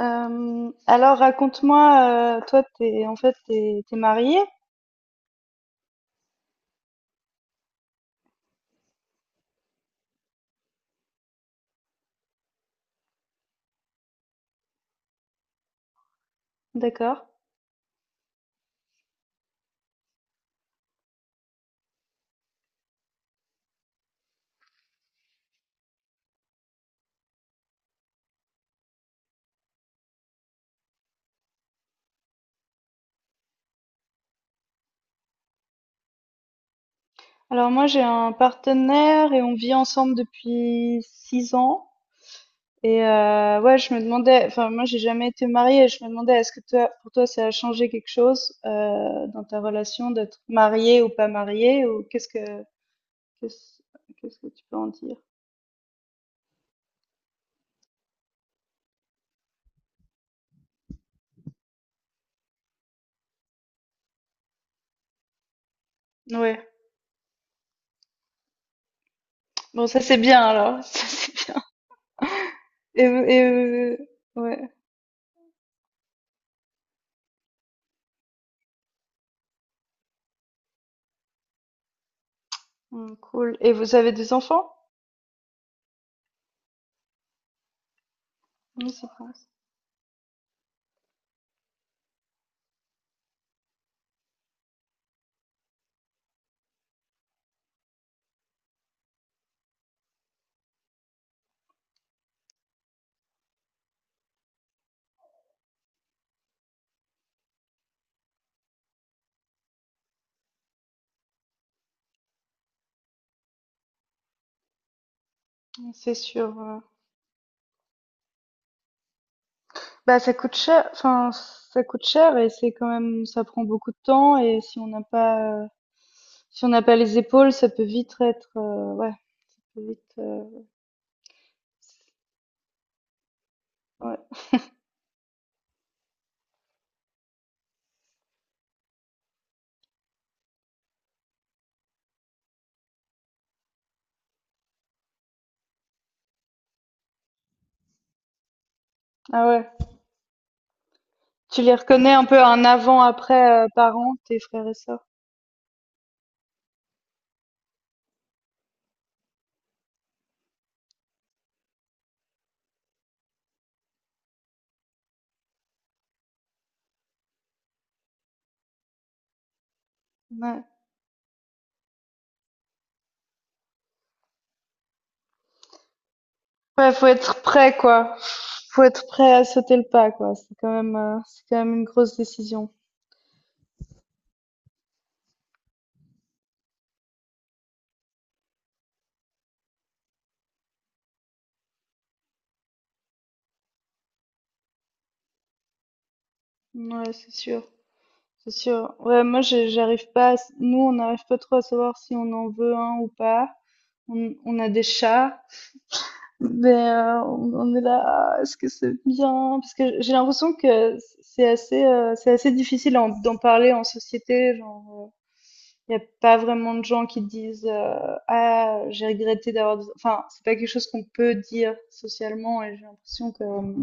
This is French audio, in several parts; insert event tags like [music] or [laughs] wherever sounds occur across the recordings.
Alors raconte-moi, toi t'es en fait t'es es tu D'accord. Alors moi j'ai un partenaire et on vit ensemble depuis 6 ans et ouais je me demandais enfin moi j'ai jamais été mariée et je me demandais est-ce que toi pour toi ça a changé quelque chose, dans ta relation d'être mariée ou pas mariée ou qu'est-ce qu'est-ce que tu peux en dire? Ouais. Bon ça c'est bien alors, [laughs] ça c'est bien. Et vous et ouais. Mmh, cool. Et vous avez des enfants? Mmh, c'est bien. C'est sûr, bah, ça coûte cher, enfin, ça coûte cher et c'est quand même ça prend beaucoup de temps et si on n'a pas, si on n'a pas les épaules, ça peut vite être, ouais, peut vite, ouais. Ah ouais. Tu les reconnais un peu un avant-après, parents, tes frères et sœurs? Ouais. Ouais, faut être prêt, quoi. Faut être prêt à sauter le pas, quoi. C'est quand même une grosse décision. Ouais, c'est sûr, c'est sûr. Ouais, moi, je j'arrive pas à s nous, on n'arrive pas trop à savoir si on en veut un ou pas. On a des chats, mais on est là, ah, est-ce que c'est bien? Parce que j'ai l'impression que c'est assez difficile d'en parler en société. Genre, il n'y a pas vraiment de gens qui disent ah j'ai regretté d'avoir. Enfin, c'est pas quelque chose qu'on peut dire socialement. Et j'ai l'impression que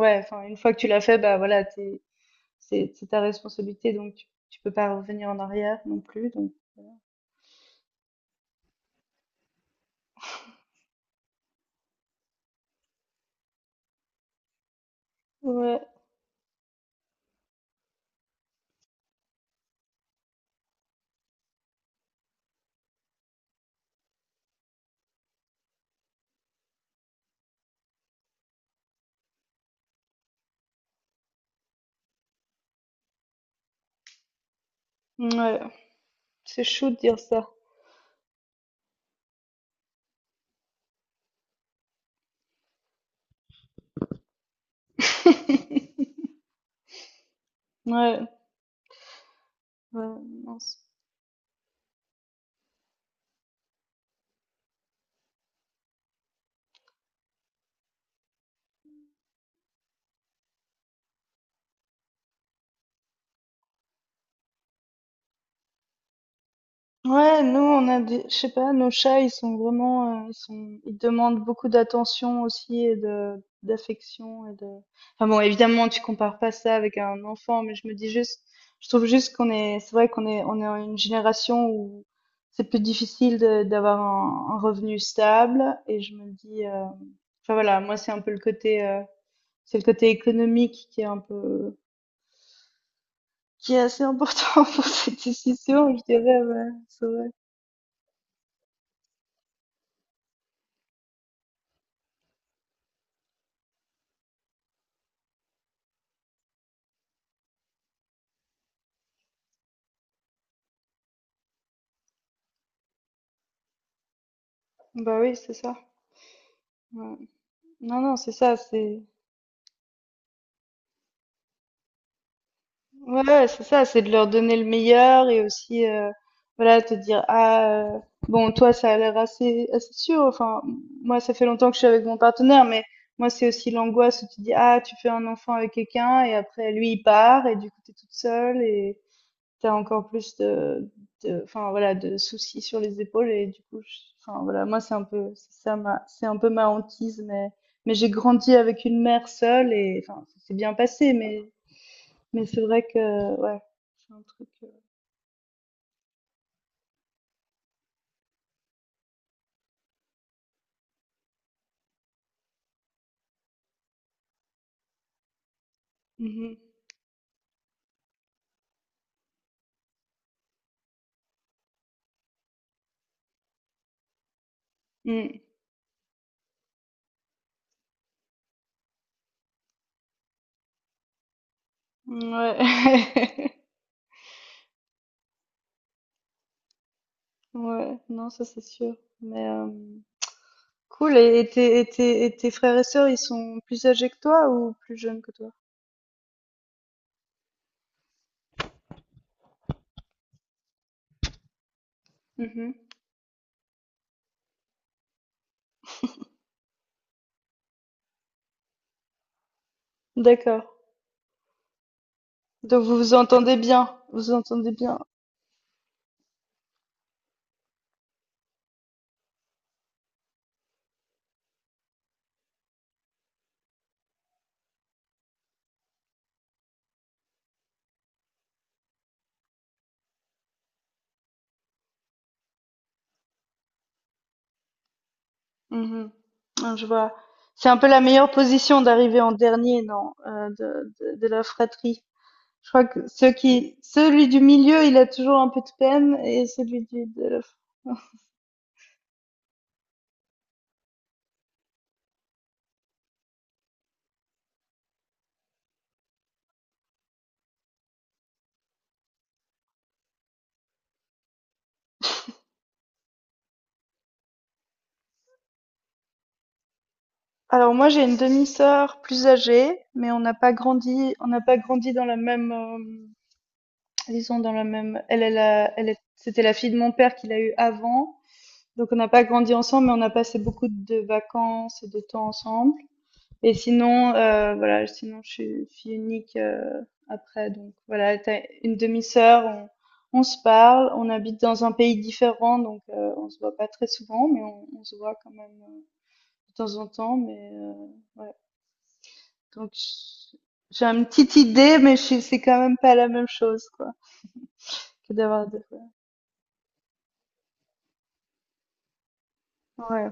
ouais, enfin une fois que tu l'as fait, bah voilà, c'est ta responsabilité, donc tu peux pas revenir en arrière non plus. Donc ouais, ouais, c'est chaud de dire ça. [laughs] Ouais. Ouais, mince. Ouais, nous on a des, je sais pas, nos chats ils sont vraiment, ils sont, ils demandent beaucoup d'attention aussi et de d'affection et de. Enfin bon, évidemment tu compares pas ça avec un enfant, mais je me dis juste, je trouve juste qu'on est, c'est vrai qu'on est, on est en une génération où c'est plus difficile d'avoir un revenu stable et je me dis, enfin voilà, moi c'est un peu le côté, c'est le côté économique qui est un peu, qui est assez important [laughs] pour cette décision, je dirais, ouais, c'est vrai. Bah oui, c'est ça. Ouais. Non, non, c'est ça, c'est ouais, ouais, c'est ça, c'est de leur donner le meilleur et aussi voilà, te dire ah bon, toi ça a l'air assez assez sûr. Enfin, moi ça fait longtemps que je suis avec mon partenaire, mais moi c'est aussi l'angoisse où tu dis ah, tu fais un enfant avec quelqu'un et après lui il part et du coup t'es toute seule et tu encore plus de, enfin voilà, de soucis sur les épaules et du coup, enfin voilà, moi c'est un peu, c'est ça ma, c'est un peu ma hantise, mais j'ai grandi avec une mère seule et enfin ça s'est bien passé, mais c'est vrai que ouais, c'est un truc. Mhm, mm, ouais, [laughs] ouais, non ça c'est sûr, mais cool. Et tes, et tes, et tes frères et sœurs, ils sont plus âgés que toi ou plus jeunes que toi? Mhm. D'accord. Donc vous vous entendez bien, vous vous entendez bien. Mhm, mh. Ouais, je vois. C'est un peu la meilleure position d'arriver en dernier, non, de la fratrie. Je crois que ceux qui celui du milieu, il a toujours un peu de peine et celui du de la [laughs] Alors moi, j'ai une demi-sœur plus âgée, mais on n'a pas grandi dans la même, disons dans la même elle elle a elle est c'était la fille de mon père qu'il a eue avant, donc on n'a pas grandi ensemble, mais on a passé beaucoup de vacances et de temps ensemble. Et sinon, voilà, sinon je suis fille unique, après donc voilà, t'as une demi-sœur, on se parle, on habite dans un pays différent donc on se voit pas très souvent mais on se voit quand même, de temps en temps mais ouais. Donc j'ai une petite idée mais je c'est quand même pas la même chose quoi que d'avoir des ouais.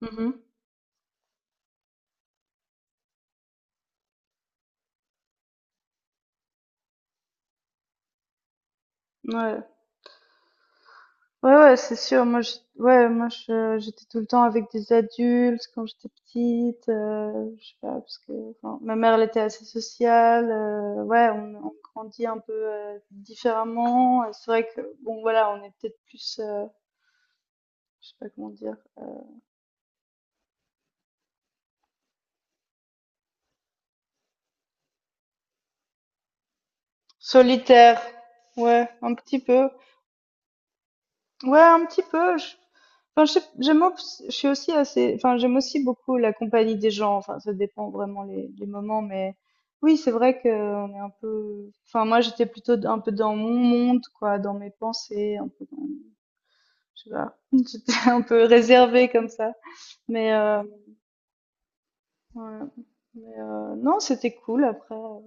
Mmh. Ouais. Ouais, ouais, c'est sûr. Moi, je, ouais, moi, je, j'étais tout le temps avec des adultes quand j'étais petite. Je sais pas, parce que enfin, ma mère, elle était assez sociale. Ouais, on grandit un peu différemment. Et c'est vrai que, bon, voilà, on est peut-être plus, je sais pas comment dire, solitaire. Ouais, un petit peu. Ouais, un petit peu. Je... Enfin, j'aime, je suis aussi assez, enfin, j'aime aussi beaucoup la compagnie des gens. Enfin, ça dépend vraiment les moments, mais oui, c'est vrai que on est un peu. Enfin, moi, j'étais plutôt un peu dans mon monde, quoi, dans mes pensées, un peu dans, je sais pas, [laughs] j'étais un peu réservée comme ça. Mais, ouais. Mais, non, c'était cool. Après,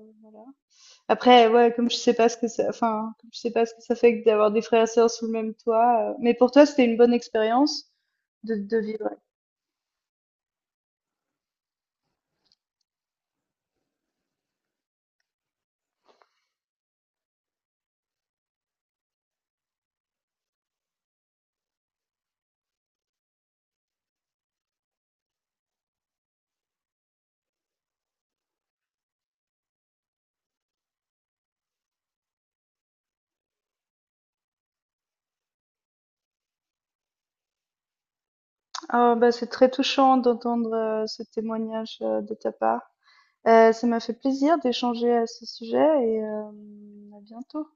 après, ouais, comme je sais pas ce que ça, enfin, comme je sais pas ce que ça fait que d'avoir des frères et sœurs sous le même toit. Mais pour toi, c'était une bonne expérience de vivre. Ah, bah, c'est très touchant d'entendre ce témoignage de ta part. Ça m'a fait plaisir d'échanger à ce sujet et à bientôt.